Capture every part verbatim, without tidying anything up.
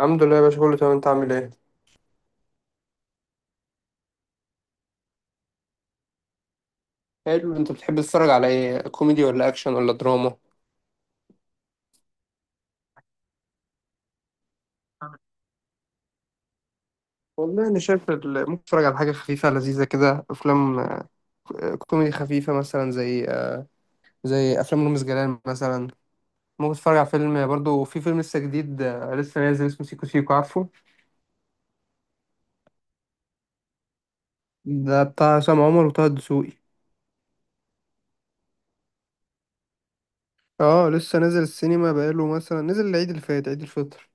الحمد لله يا باشا، كله تمام. انت عامل ايه؟ حلو. انت بتحب تتفرج على ايه، كوميدي ولا اكشن ولا دراما؟ والله انا شايف ال- ممكن اتفرج على حاجه خفيفه لذيذه كده، افلام آه، كوميدي خفيفه مثلا زي آه، زي افلام رامز جلال مثلا. ممكن اتفرج على فيلم برضو، في فيلم لسه جديد آه، لسه نازل اسمه سيكو سيكو، عارفه؟ ده بتاع عصام عمر وطه الدسوقي. اه، لسه نازل السينما، بقاله مثلا نزل العيد اللي فات، عيد الفطر.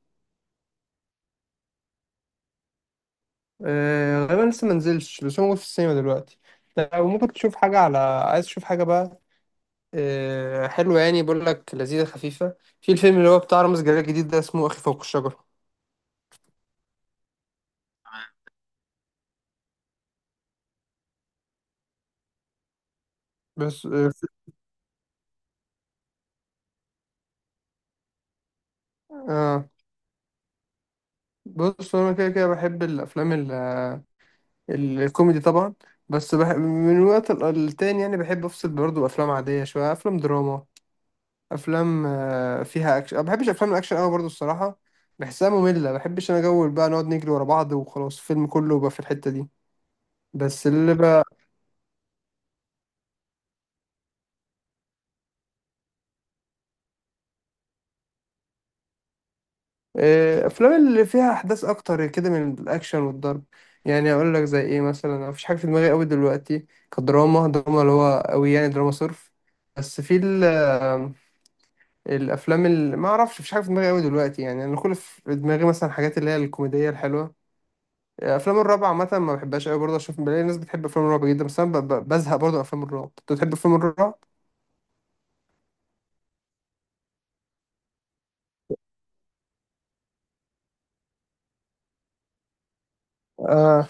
آه غالبا لسه ما نزلش، بس هو موجود في السينما دلوقتي. لو ممكن تشوف حاجه، على عايز تشوف حاجه بقى. آه، حلو، يعني بقول لك لذيذة خفيفة. في الفيلم اللي هو بتاع رامز جلال الجديد ده، اسمه أخي فوق الشجرة. بس آه آه، بص، أنا كده كده بحب الأفلام ال- آه، ال- الكوميدي طبعا. بس بح من وقت للتاني، يعني بحب أفصل برضه بأفلام عادية شوية، أفلام دراما، أفلام آه، فيها أكشن. ما بحبش أفلام الأكشن أوي برضه، الصراحة. بحسها مملة. ما بحبش أنا جو بقى نقعد نجري ورا بعض وخلاص، الفيلم كله بقى في الحتة دي. بس اللي ب... آه، افلام اللي فيها احداث اكتر كده من الاكشن والضرب. يعني اقول لك زي ايه مثلا. أنا مفيش حاجه في دماغي قوي دلوقتي، كدراما دراما اللي هو قوي، يعني دراما صرف. بس في ال- آه، الافلام اللي ما اعرفش. مفيش حاجه في دماغي قوي دلوقتي، يعني انا كل في دماغي مثلا حاجات اللي هي الكوميديه الحلوه. آه، افلام الرعب عامه ما بحبهاش قوي برضه. اشوف بلاقي ناس بتحب افلام الرعب جدا، بس انا ب- ب- بزهق برضه من افلام الرعب. انت بتحب افلام الرعب؟ اه،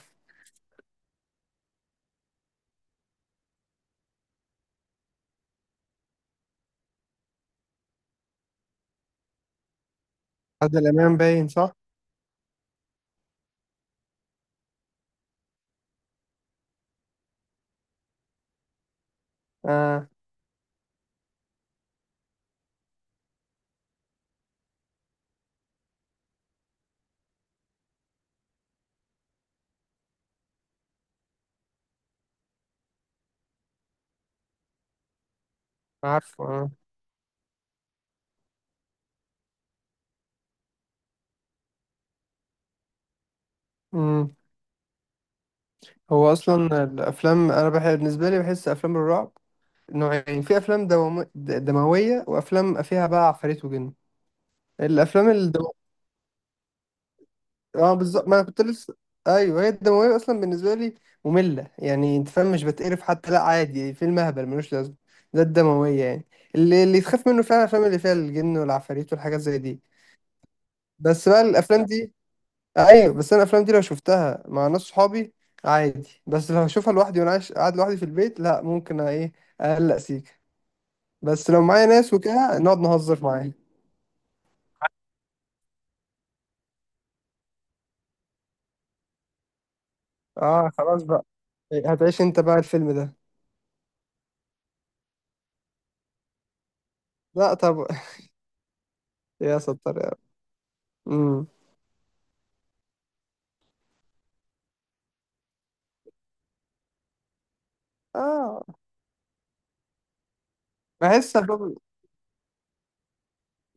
عادل امام باين صح؟ اه، عارفه، اه. هو اصلا الافلام، انا بحب بالنسبه لي، بحس افلام الرعب نوعين، في افلام دوم... د- دمويه، وافلام فيها بقى عفاريت وجن. الافلام الدم... اه بالظبط، ما انا كنت لسه. ايوه هي الدمويه اصلا بالنسبه لي ممله، يعني انت فاهم مش بتقرف حتى. لا عادي، فيلم اهبل ملوش لازمه، ده الدمويه يعني. اللي اللي تخاف منه فعلا الافلام اللي فيها الجن والعفاريت والحاجات زي دي. بس بقى الافلام دي، ايوه بس انا الافلام دي لو شفتها مع ناس صحابي عادي، بس لو هشوفها لوحدي وانا عايش قاعد لوحدي في البيت، لا ممكن ايه، اقلق سيكه. بس لو معايا ناس وكده نقعد نهزر معايا. اه، خلاص بقى، هتعيش انت بقى الفيلم ده. لا طب. يا ستار يا رب. امم. اه، بحس أفلام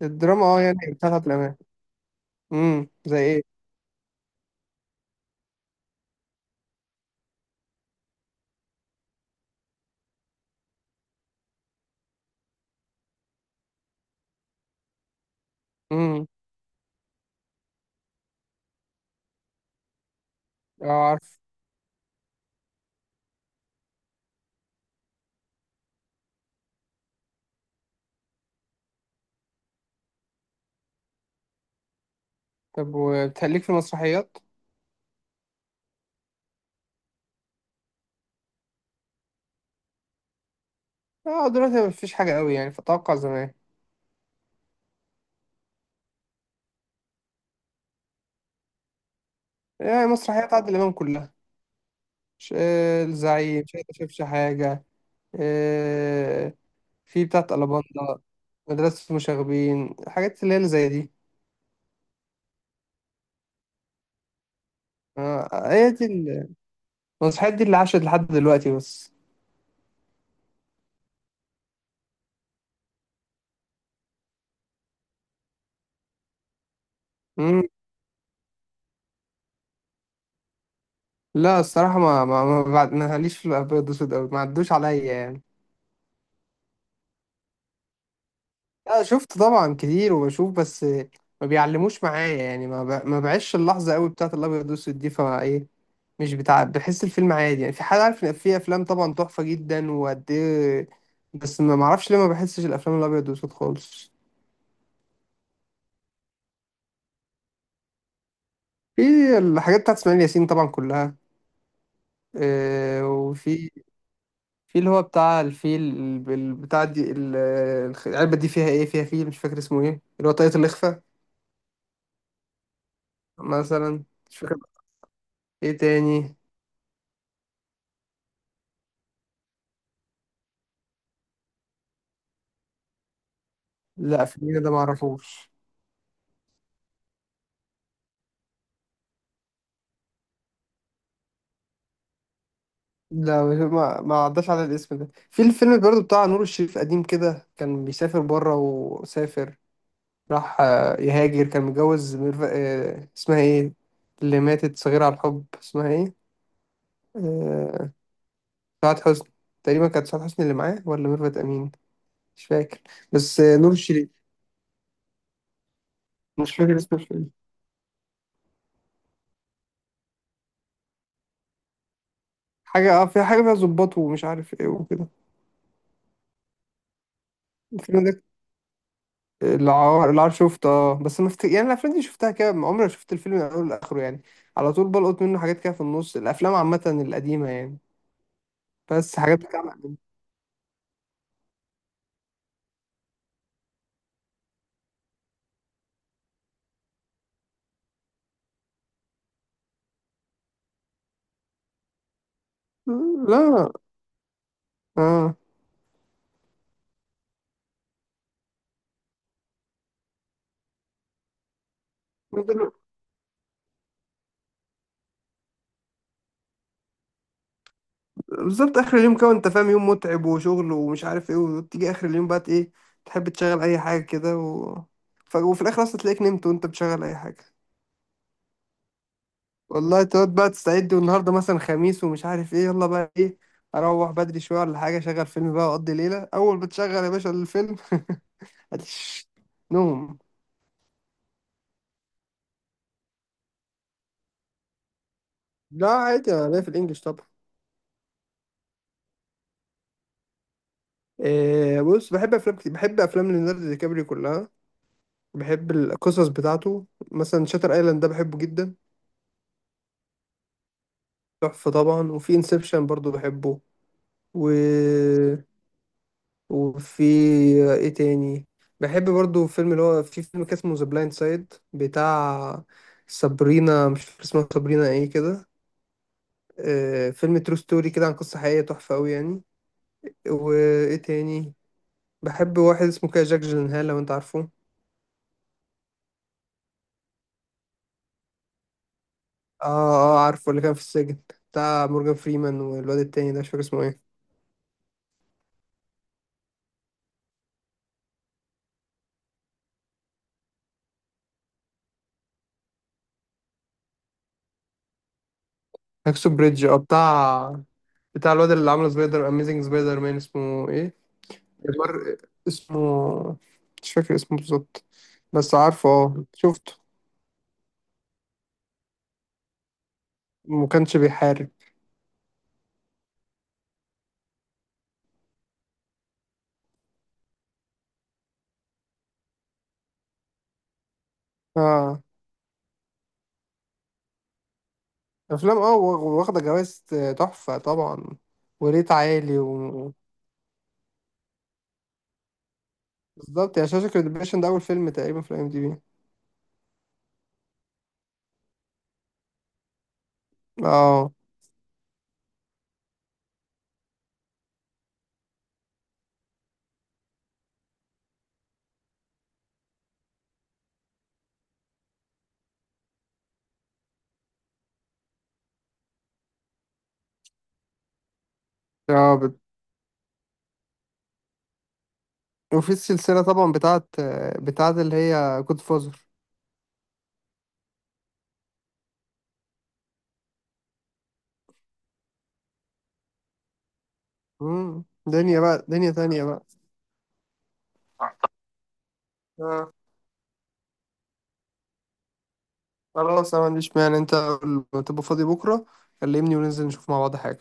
الدراما اه يعني بتاعت الامان. امم، زي ايه؟ امم. اه، عارف. طب، وبتهليك في المسرحيات؟ اه، دلوقتي مفيش حاجه قوي يعني، فاتوقع زمان. يعني مسرحيات عادل امام كلها، مش آه، الزعيم، مش أنت شافش حاجة؟ آه، في بتاعة ألاباندا، مدرسة مشاغبين، الحاجات اللي هي اللي زي دي. آه، هي دي ال- المسرحيات دي اللي عاشت لحد دلوقتي بس. مم. لا الصراحة، ما ما ما بعد- ما ليش في الأبيض والأسود أوي، ما عدوش عليا يعني. لا شفت طبعا كتير وبشوف، بس ما بيعلموش معايا يعني، ما ب... ما بعيش اللحظة أوي بتاعة الأبيض والأسود دي، فإيه، مش بتاع، بحس الفيلم عادي. يعني في حد عارف ان في افلام طبعا تحفه جدا وقد ايه، بس ما معرفش ليه ما بحسش الافلام الابيض والاسود خالص. في الحاجات بتاعت اسماعيل ياسين طبعا كلها، آه، وفي في اللي هو بتاع الفيل، ال- بتاع دي ال- الخ- العلبه دي فيها ايه، فيها فيل، مش فاكر اسمه ايه، اللي هو طاقية الاخفاء مثلا. مش فاكر. ايه تاني؟ لا، فيلم ده ما اعرفوش. لا، ما ما عداش على الاسم ده. في الفيلم برضو بتاع نور الشريف قديم كده، كان بيسافر بره وسافر، راح آه، يهاجر، كان متجوز ميرف... آه، اسمها ايه، اللي ماتت صغيرة على الحب، اسمها ايه؟ آه، سعاد حسني. تقريبا كانت سعاد حسني اللي معاه، ولا ميرفت أمين؟ مش فاكر، بس آه، نور الشريف. مش فاكر اسم الفيلم. حاجة، اه في حاجة فيها ظباط ومش عارف ايه وكده. الفيلم ده العار. العار شفته اه، بس ما مفت... يعني الأفلام دي شفتها كده، ما عمري ما شفت الفيلم من أوله لآخره يعني. على طول بلقط منه حاجات كده في النص، الأفلام عامة القديمة يعني، بس حاجات بتاع. لا. اه، بالظبط، اخر اليوم كده انت فاهم، يوم متعب وشغل ومش عارف ايه، وتيجي اخر اليوم بقى ايه، تحب تشغل اي حاجه كده و ف... وفي الاخر اصلا تلاقيك نمت وانت بتشغل اي حاجه. والله تقعد بقى تستعد، والنهارده مثلا خميس ومش عارف ايه، يلا بقى ايه، اروح بدري شويه ولا حاجه، اشغل فيلم بقى واقضي ليله. اول ما تشغل يا باشا الفيلم هتش نوم. لا عادي، انا ليا في الانجليش طبعا. إيه، بص بحب افلام كتير، بحب افلام ليوناردو دي كابريو كلها. بحب القصص بتاعته. مثلا شاتر ايلاند ده بحبه جدا، تحفة طبعا. وفي انسبشن برضو بحبه. و، وفي، ايه تاني؟ بحب برضو فيلم اللي هو، في فيلم كان اسمه ذا بلايند سايد، بتاع سابرينا، مش فاكر اسمها، سابرينا ايه كده. آه فيلم ترو ستوري كده عن قصة حقيقية، تحفة قوي يعني. وايه تاني؟ بحب واحد اسمه كده جاك جيلنهال، لو انت عارفه. اه، اه، عارفه اللي كان في السجن، بتاع مورجان فريمان والواد التاني ده مش فاكر اسمه ايه. هاكسو بريدج، اه، بتاع بتاع الواد اللي عامل سبايدر، اميزنج سبايدر مان اسمه ايه، جبار، اسمه، مش فاكر اسمه بالظبط، بس عارفه اه، شفته. ما كانش بيحارب. اه افلام، اه، وا- واخده جوائز، تحفه طبعا. وريت عالي و، بالظبط، يا شاشه ريدمبشن ده اول فيلم تقريبا في الام دي بي. اه، اه، بت... وفي السلسله طبعا بتاعت بتاعت اللي هي جود فازر، دنيا بقى، دنيا تانية بقى. آه. خلاص، انا ما عنديش مانع. انت تبقى فاضي بكره، كلمني وننزل نشوف مع بعض حاجه.